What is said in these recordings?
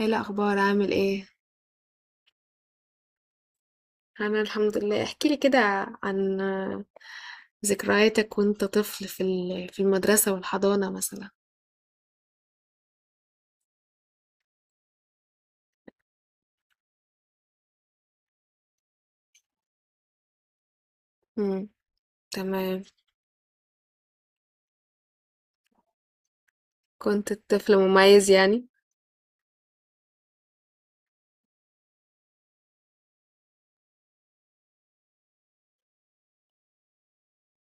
ايه الاخبار؟ عامل ايه؟ انا الحمد لله. احكي لي كده عن ذكرياتك وانت طفل في في المدرسة والحضانة مثلا. امم. تمام. كنت طفل مميز يعني؟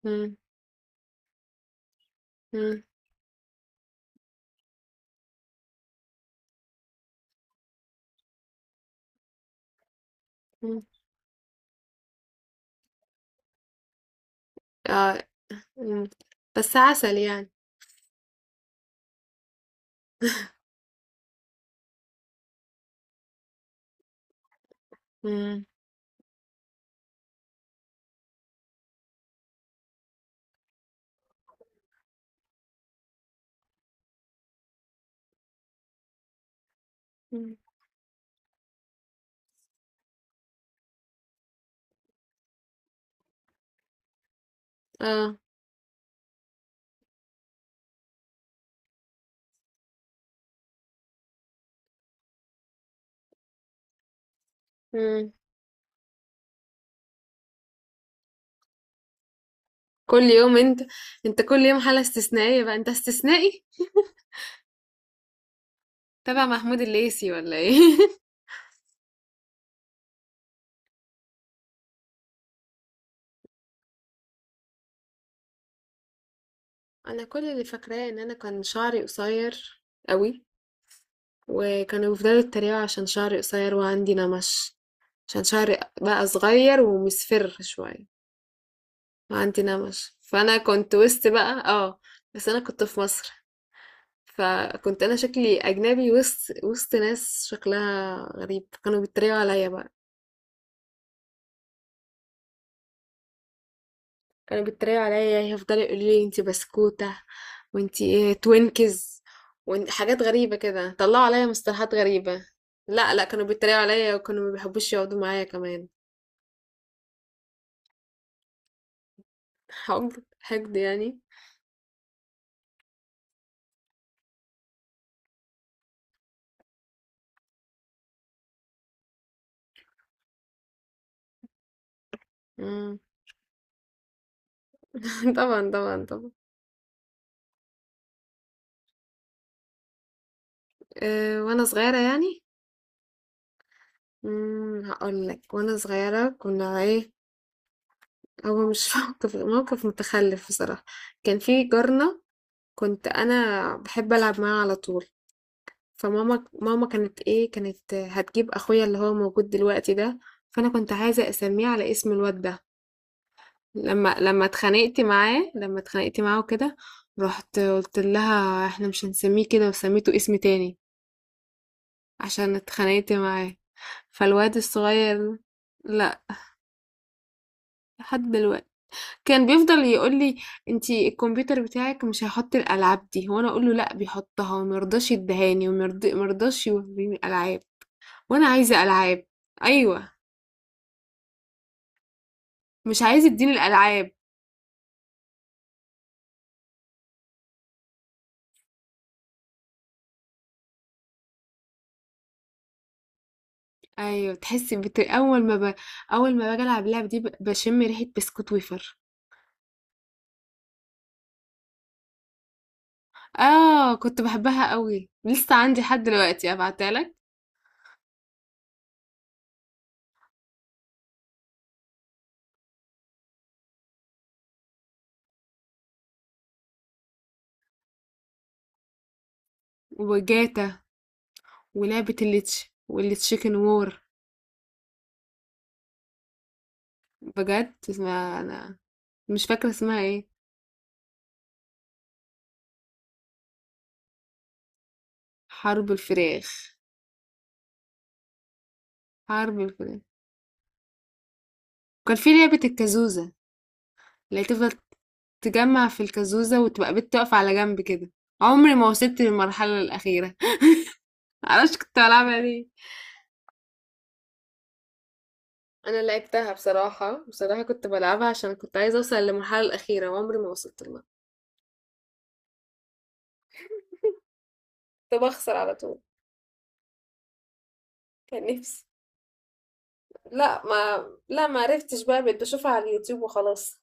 امم. امم. أمم. اه. أمم. بس عسل يعني. امم. أمم. اه. أمم. كل يوم انت انت كل يوم حالة استثنائية بقى، انت استثنائي. تبع محمود الليثي ولا ايه؟ انا كل اللي فاكراه ان انا كان شعري قصير قوي، وكانوا بيفضلوا يتريقوا عشان شعري قصير وعندي نمش، عشان شعري بقى صغير ومصفر شوية وعندي نمش، فأنا كنت وسط بقى اه. بس أنا كنت في مصر، فكنت أنا شكلي أجنبي وسط ناس شكلها غريب، كانوا بيتريقوا عليا بقى. كانوا بيتريقوا عليا، يعني يفضلوا يقولوا لي انتي بسكوتة، وانتي ايه توينكز، وحاجات غريبة كده طلعوا عليا مصطلحات غريبة. لا لا، كانوا بيتريقوا عليا وكانوا ما بيحبوش يقعدوا معايا كمان. حقد حقد يعني؟ مم. طبعا طبعا طبعا. أه وانا صغيرة يعني. مم، هقول لك. وانا صغيرة كنا ايه، هو مش موقف متخلف بصراحة. كان في جارنا، كنت انا بحب العب معاه على طول. فماما ماما كانت كانت هتجيب اخويا اللي هو موجود دلوقتي ده. فانا كنت عايزة اسميه على اسم الواد ده. لما اتخانقت معاه وكده، رحت قلت لها احنا مش هنسميه كده، وسميته اسم تاني عشان اتخانقت معاه. فالواد الصغير. لا، لحد دلوقتي كان بيفضل يقول لي انتي الكمبيوتر بتاعك مش هيحط الالعاب دي، وانا اقول له لا بيحطها، ومرضاش يدهاني ومرضاش يوريني العاب وانا عايزه العاب. ايوه، مش عايز يديني الالعاب. ايوه، تحس اول ما باجي العب اللعب دي بشم ريحه بسكوت ويفر. اه كنت بحبها قوي، لسه عندي لحد دلوقتي، ابعتها لك. وجاتا ولعبه الليتش والتشيكن وور. بجد اسمها انا مش فاكره اسمها ايه. حرب الفراخ. حرب الفراخ. كان في لعبه الكازوزه اللي تفضل تجمع في الكازوزه وتبقى بت تقف على جنب كده. عمري ما وصلت للمرحله الاخيره. معرفش كنت بلعبها ليه. انا لعبتها بصراحه، كنت بلعبها عشان كنت عايزه اوصل للمرحله الاخيره وعمري ما وصلت لها. كنت بخسر على طول. كان نفسي. لا ما عرفتش بقى، بقيت بشوفها على اليوتيوب وخلاص.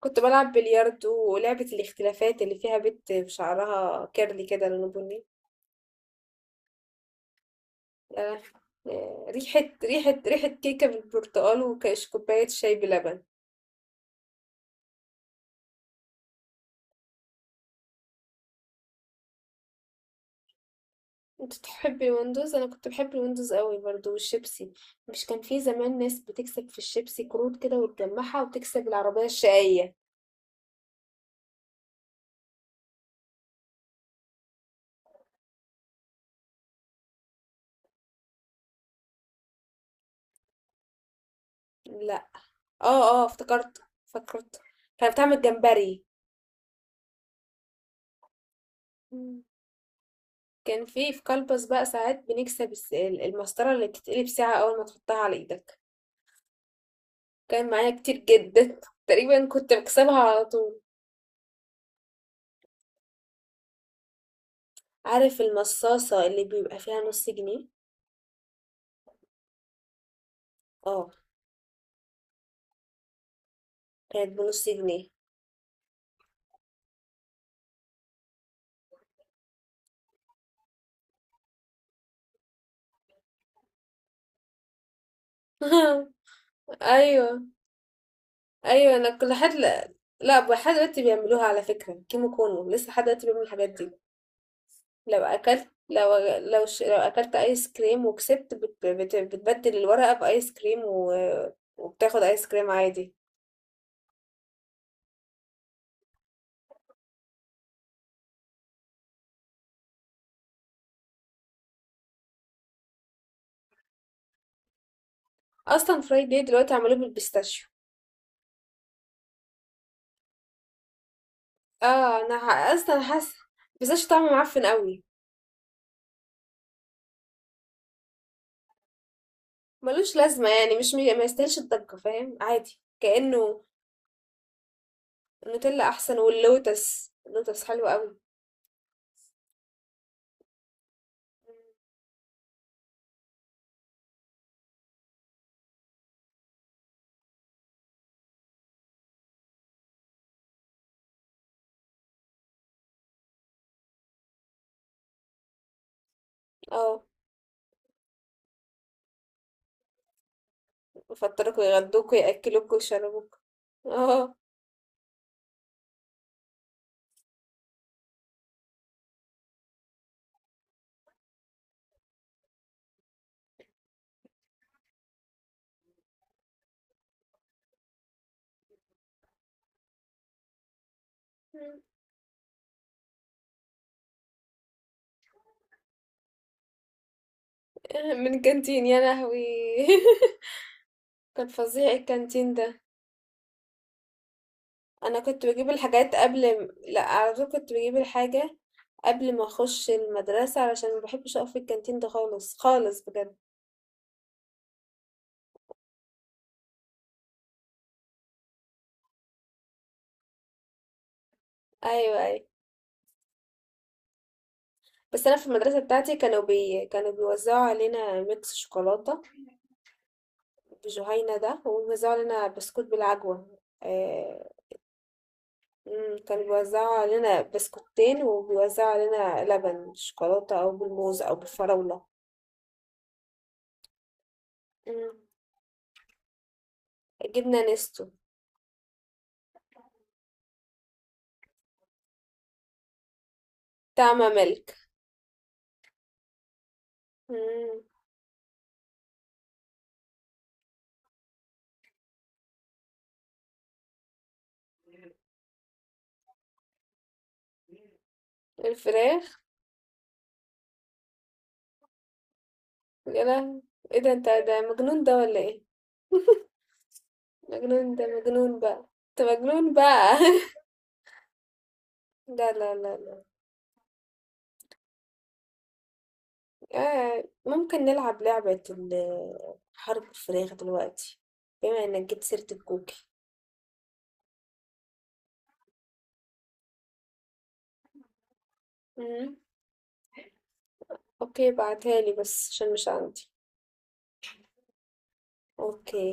كنت بلعب بلياردو ولعبة الاختلافات اللي فيها بنت بشعرها كيرلي كده لونه بني. آه، ريحة كيكة بالبرتقال وكاش كوباية شاي بلبن. انت تحب الويندوز؟ انا كنت بحب الويندوز قوي برضو، والشيبسي. مش كان في زمان ناس بتكسب في الشيبسي كروت كده وتجمعها وتكسب العربية الشقية؟ لا. اه اه، فكرت. كانت بتعمل جمبري. مم. كان في كلبس بقى ساعات بنكسب المسطرة اللي بتتقلب ساعة أول ما تحطها على إيدك. كان معايا كتير جدا، تقريبا كنت بكسبها على طول. عارف المصاصة اللي بيبقى فيها نص جنيه؟ اه كانت بنص جنيه. ايوه ايوه، انا كل حد لا. لا لحد دلوقتي بيعملوها على فكرة، كيمو كونو لسه لحد دلوقتي بيعمل الحاجات دي. لو اكلت لو لو ش... لو اكلت ايس كريم وكسبت، بتبدل الورقة بايس كريم وبتاخد ايس كريم عادي. اصلا فرايد داي دلوقتي عملوه بالبيستاشيو. اه انا اصلا حاسه بيستاشيو طعمه معفن قوي. ملوش لازمة يعني، مش مي- ما يستاهلش الضجة، فاهم؟ عادي كأنه. النوتيلا أحسن، واللوتس حلو قوي. اه يفطركوا يغدوكوا يأكلوكوا يشربوكوا. اه من كانتين يا لهوي. كان فظيع الكانتين ده. انا كنت بجيب الحاجات لا، على طول كنت بجيب الحاجة قبل ما اخش المدرسة، علشان ما بحبش اقف في الكانتين ده خالص، خالص بجد. ايوه ايوه، بس انا في المدرسه بتاعتي كانوا بيوزعوا علينا ميكس شوكولاته بجهينه ده، وبيوزعوا علينا بسكوت بالعجوه. آه... كانوا بيوزعوا علينا بسكوتين، وبيوزعوا علينا لبن شوكولاته او بالموز او بالفراوله. مم. جبنه نستو. طعمه ملك. مم. الفراخ. يا لهوي. ايه ده؟ انت ده مجنون ده ولا ايه؟ مجنون ده، مجنون بقى، انت مجنون بقى. لا لا لا لا. ممكن نلعب لعبة حرب الفراخ دلوقتي، بما انك جبت سيرة الكوكي. مم. اوكي بعتها لي بس عشان مش عندي. اوكي.